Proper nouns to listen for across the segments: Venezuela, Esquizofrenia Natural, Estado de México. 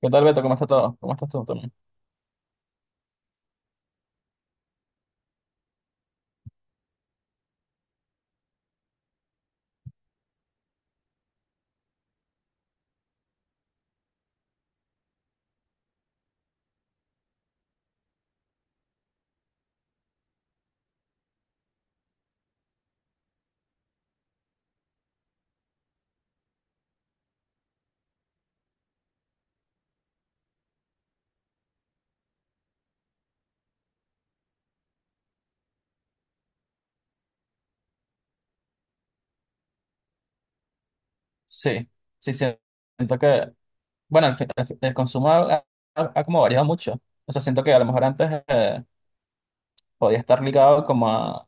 ¿Qué tal, Beto? ¿Cómo está todo? ¿Cómo estás tú también? Sí, sí, siento que, bueno, el consumo ha como variado mucho. O sea, siento que a lo mejor antes podía estar ligado como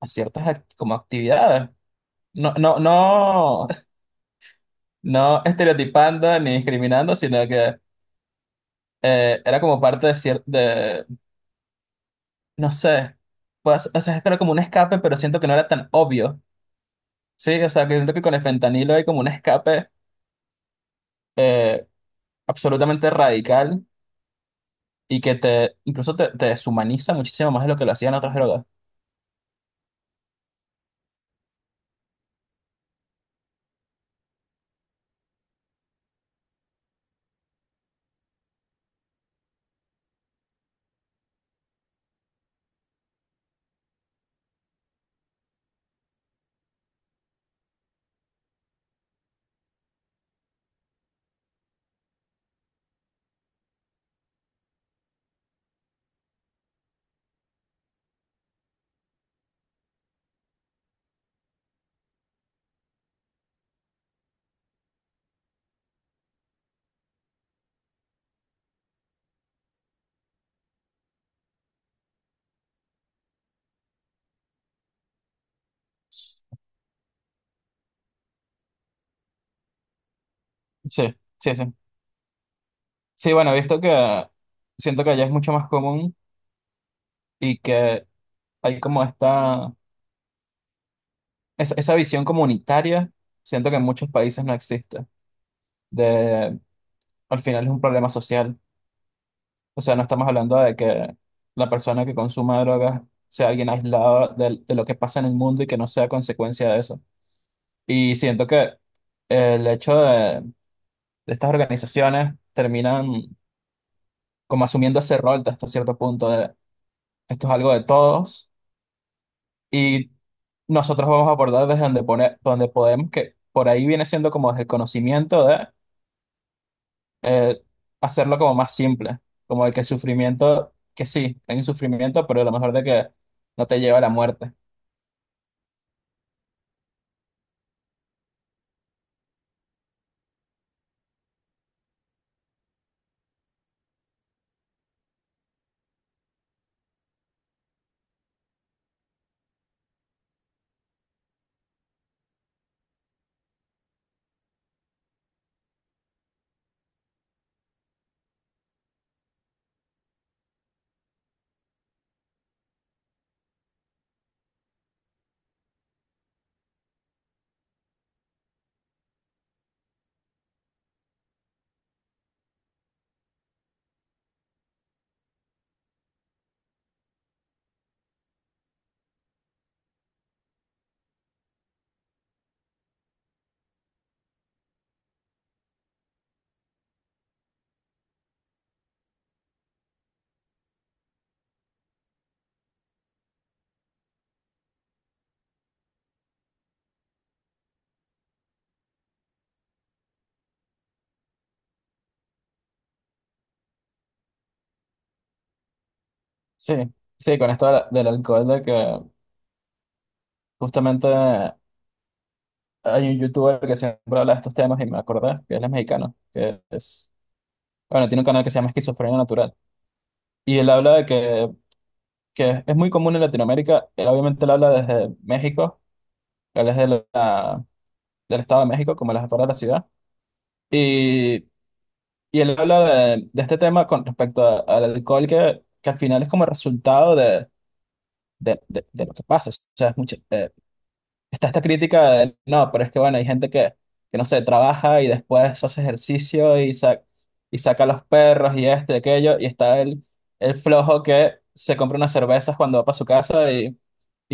a ciertas como actividades. No, no, no, no estereotipando ni discriminando, sino que era como parte de de, no sé, pues, o sea, era como un escape, pero siento que no era tan obvio. Sí, o sea, que siento que con el fentanilo hay como un escape eh, absolutamente radical y que te incluso te deshumaniza muchísimo más de lo que lo hacían otras drogas. Sí, sí, sí. Sí, bueno, he visto que siento que allá es mucho más común y que hay como esta, esa visión comunitaria, siento que en muchos países no existe. De, al final es un problema social. O sea, no estamos hablando de que la persona que consuma drogas sea alguien aislado de lo que pasa en el mundo y que no sea consecuencia de eso. Y siento que el hecho de estas organizaciones terminan como asumiendo ese rol de hasta cierto punto de esto es algo de todos y nosotros vamos a abordar desde donde pone, donde podemos, que por ahí viene siendo como desde el conocimiento de eh, hacerlo como más simple, como el que el sufrimiento, que sí, hay un sufrimiento, pero a lo mejor de que no te lleva a la muerte. Sí, sí, con esto de del alcohol, de que justamente hay un youtuber que siempre habla de estos temas y me acordé que él es mexicano, que es, bueno, tiene un canal que se llama Esquizofrenia Natural. Y él habla de que es muy común en Latinoamérica. Él obviamente él habla desde México, él es de la- del Estado de México, como la jefatura de la ciudad. Y, y él habla de este tema con respecto al alcohol, que al final es como el resultado de, de lo que pasa. O sea, es está esta crítica de, no, pero es que bueno, hay gente que no sé, trabaja y después hace ejercicio y, y saca a los perros y este aquello, y está el flojo que se compra unas cervezas cuando va para su casa. Y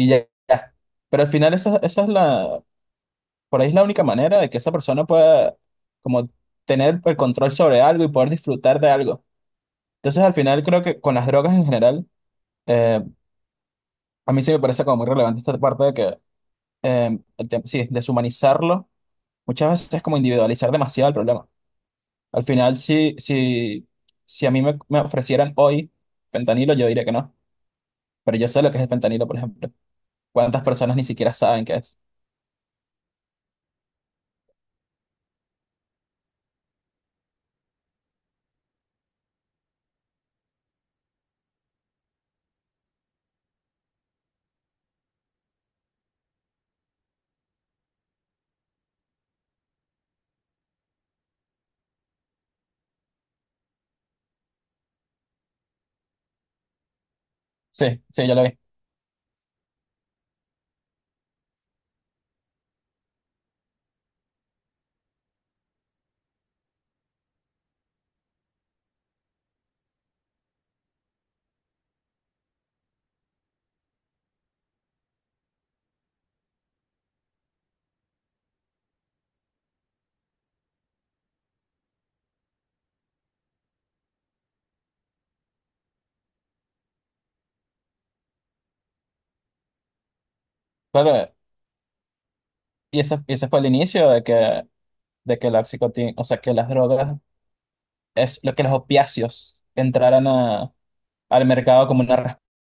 ya, ya. Pero al final esa, esa es la, por ahí es la única manera de que esa persona pueda como tener el control sobre algo y poder disfrutar de algo. Entonces al final creo que con las drogas en general, eh, a mí sí me parece como muy relevante esta parte de que, sí, deshumanizarlo muchas veces es como individualizar demasiado el problema. Al final si a me ofrecieran hoy fentanilo, yo diría que no. Pero yo sé lo que es el fentanilo, por ejemplo. ¿Cuántas personas ni siquiera saben qué es? Sí, sí, yo lo vi. Claro, y ese, y ese fue el inicio de que la o sea, que las drogas, es lo que los opiáceos entraran al mercado como una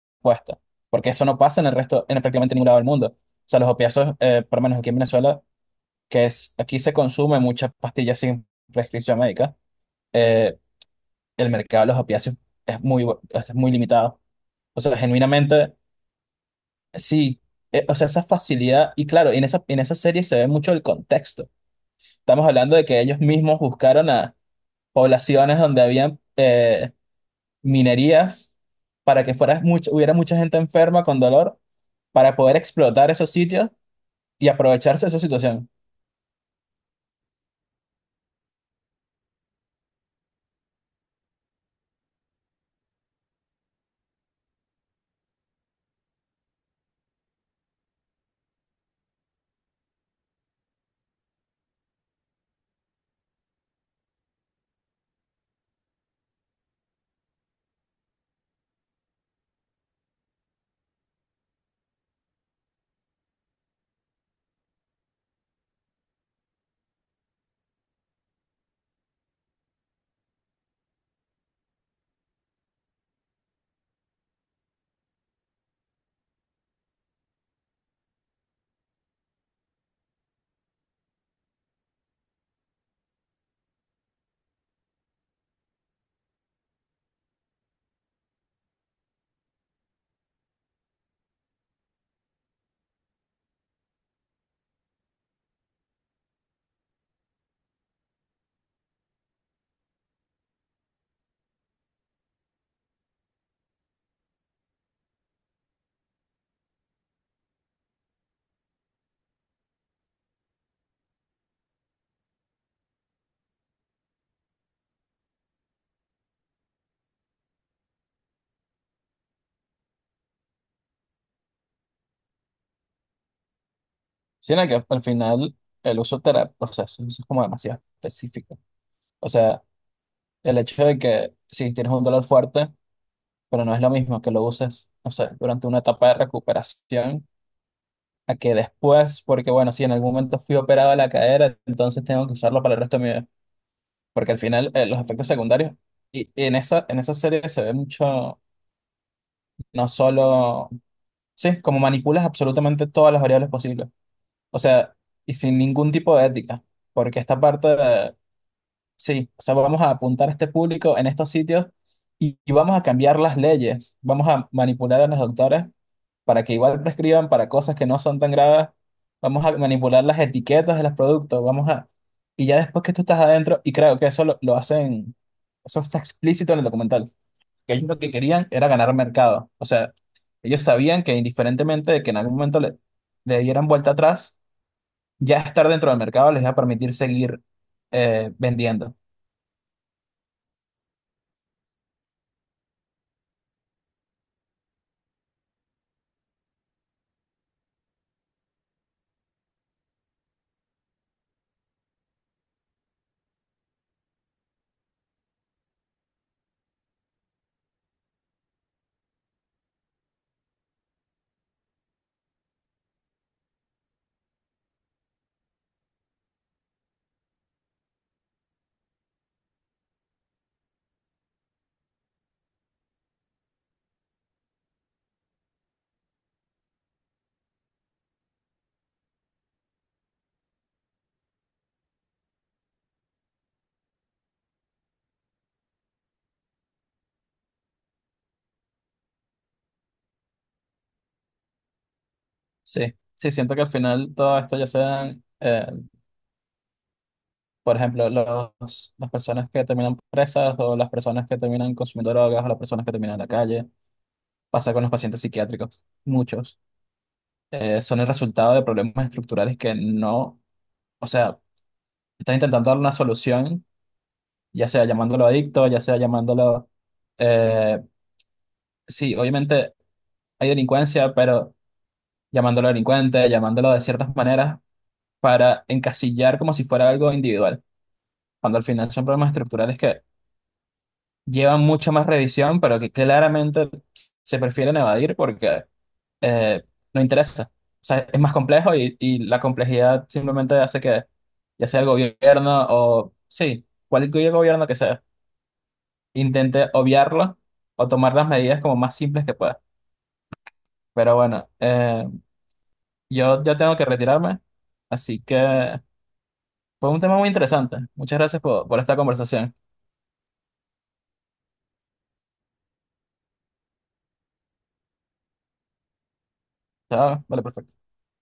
respuesta. Porque eso no pasa en el resto, en prácticamente ningún lado del mundo. O sea, los opiáceos, por lo menos aquí en Venezuela, que es, aquí se consume muchas pastillas sin prescripción médica, eh, el mercado de los opiáceos es es muy limitado. O sea, genuinamente, sí. O sea, esa facilidad, y claro, en esa serie se ve mucho el contexto. Estamos hablando de que ellos mismos buscaron a poblaciones donde habían minerías para que fuera hubiera mucha gente enferma con dolor para poder explotar esos sitios y aprovecharse de esa situación. Sino que al final el uso terapéutico, o sea, eso es como demasiado específico. O sea, el hecho de que si tienes un dolor fuerte, pero no es lo mismo que lo uses, no sé, durante una etapa de recuperación, a que después, porque bueno, si en algún momento fui operado de la cadera, entonces tengo que usarlo para el resto de mi vida. Porque al final los efectos secundarios, y en esa serie se ve mucho, no solo, sí, como manipulas absolutamente todas las variables posibles. O sea, y sin ningún tipo de ética. Porque esta parte de, sí, o sea, vamos a apuntar a este público en estos sitios y vamos a cambiar las leyes. Vamos a manipular a los doctores para que igual prescriban para cosas que no son tan graves. Vamos a manipular las etiquetas de los productos. Vamos a... Y ya después que tú estás adentro, y creo que eso lo hacen. Eso está explícito en el documental. Que ellos lo que querían era ganar mercado. O sea, ellos sabían que indiferentemente de que en algún momento le dieran vuelta atrás, ya estar dentro del mercado les iba a permitir seguir vendiendo. Sí, sí, siento que al final todo esto ya sean, por ejemplo, las personas que terminan presas o las personas que terminan consumiendo drogas o las personas que terminan en la calle, pasa con los pacientes psiquiátricos, muchos, son el resultado de problemas estructurales que no, o sea, están intentando dar una solución ya sea llamándolo adicto, ya sea eh, sí, obviamente hay delincuencia, pero llamándolo delincuente, llamándolo de ciertas maneras para encasillar como si fuera algo individual, cuando al final son problemas estructurales que llevan mucha más revisión, pero que claramente se prefieren evadir porque eh, no interesa. O sea, es más complejo y la complejidad simplemente hace que, ya sea el gobierno o, sí, cualquier gobierno que sea intente obviarlo o tomar las medidas como más simples que pueda. Pero bueno, yo ya tengo que retirarme, así que fue un tema muy interesante. Muchas gracias por esta conversación. Chao, vale, perfecto.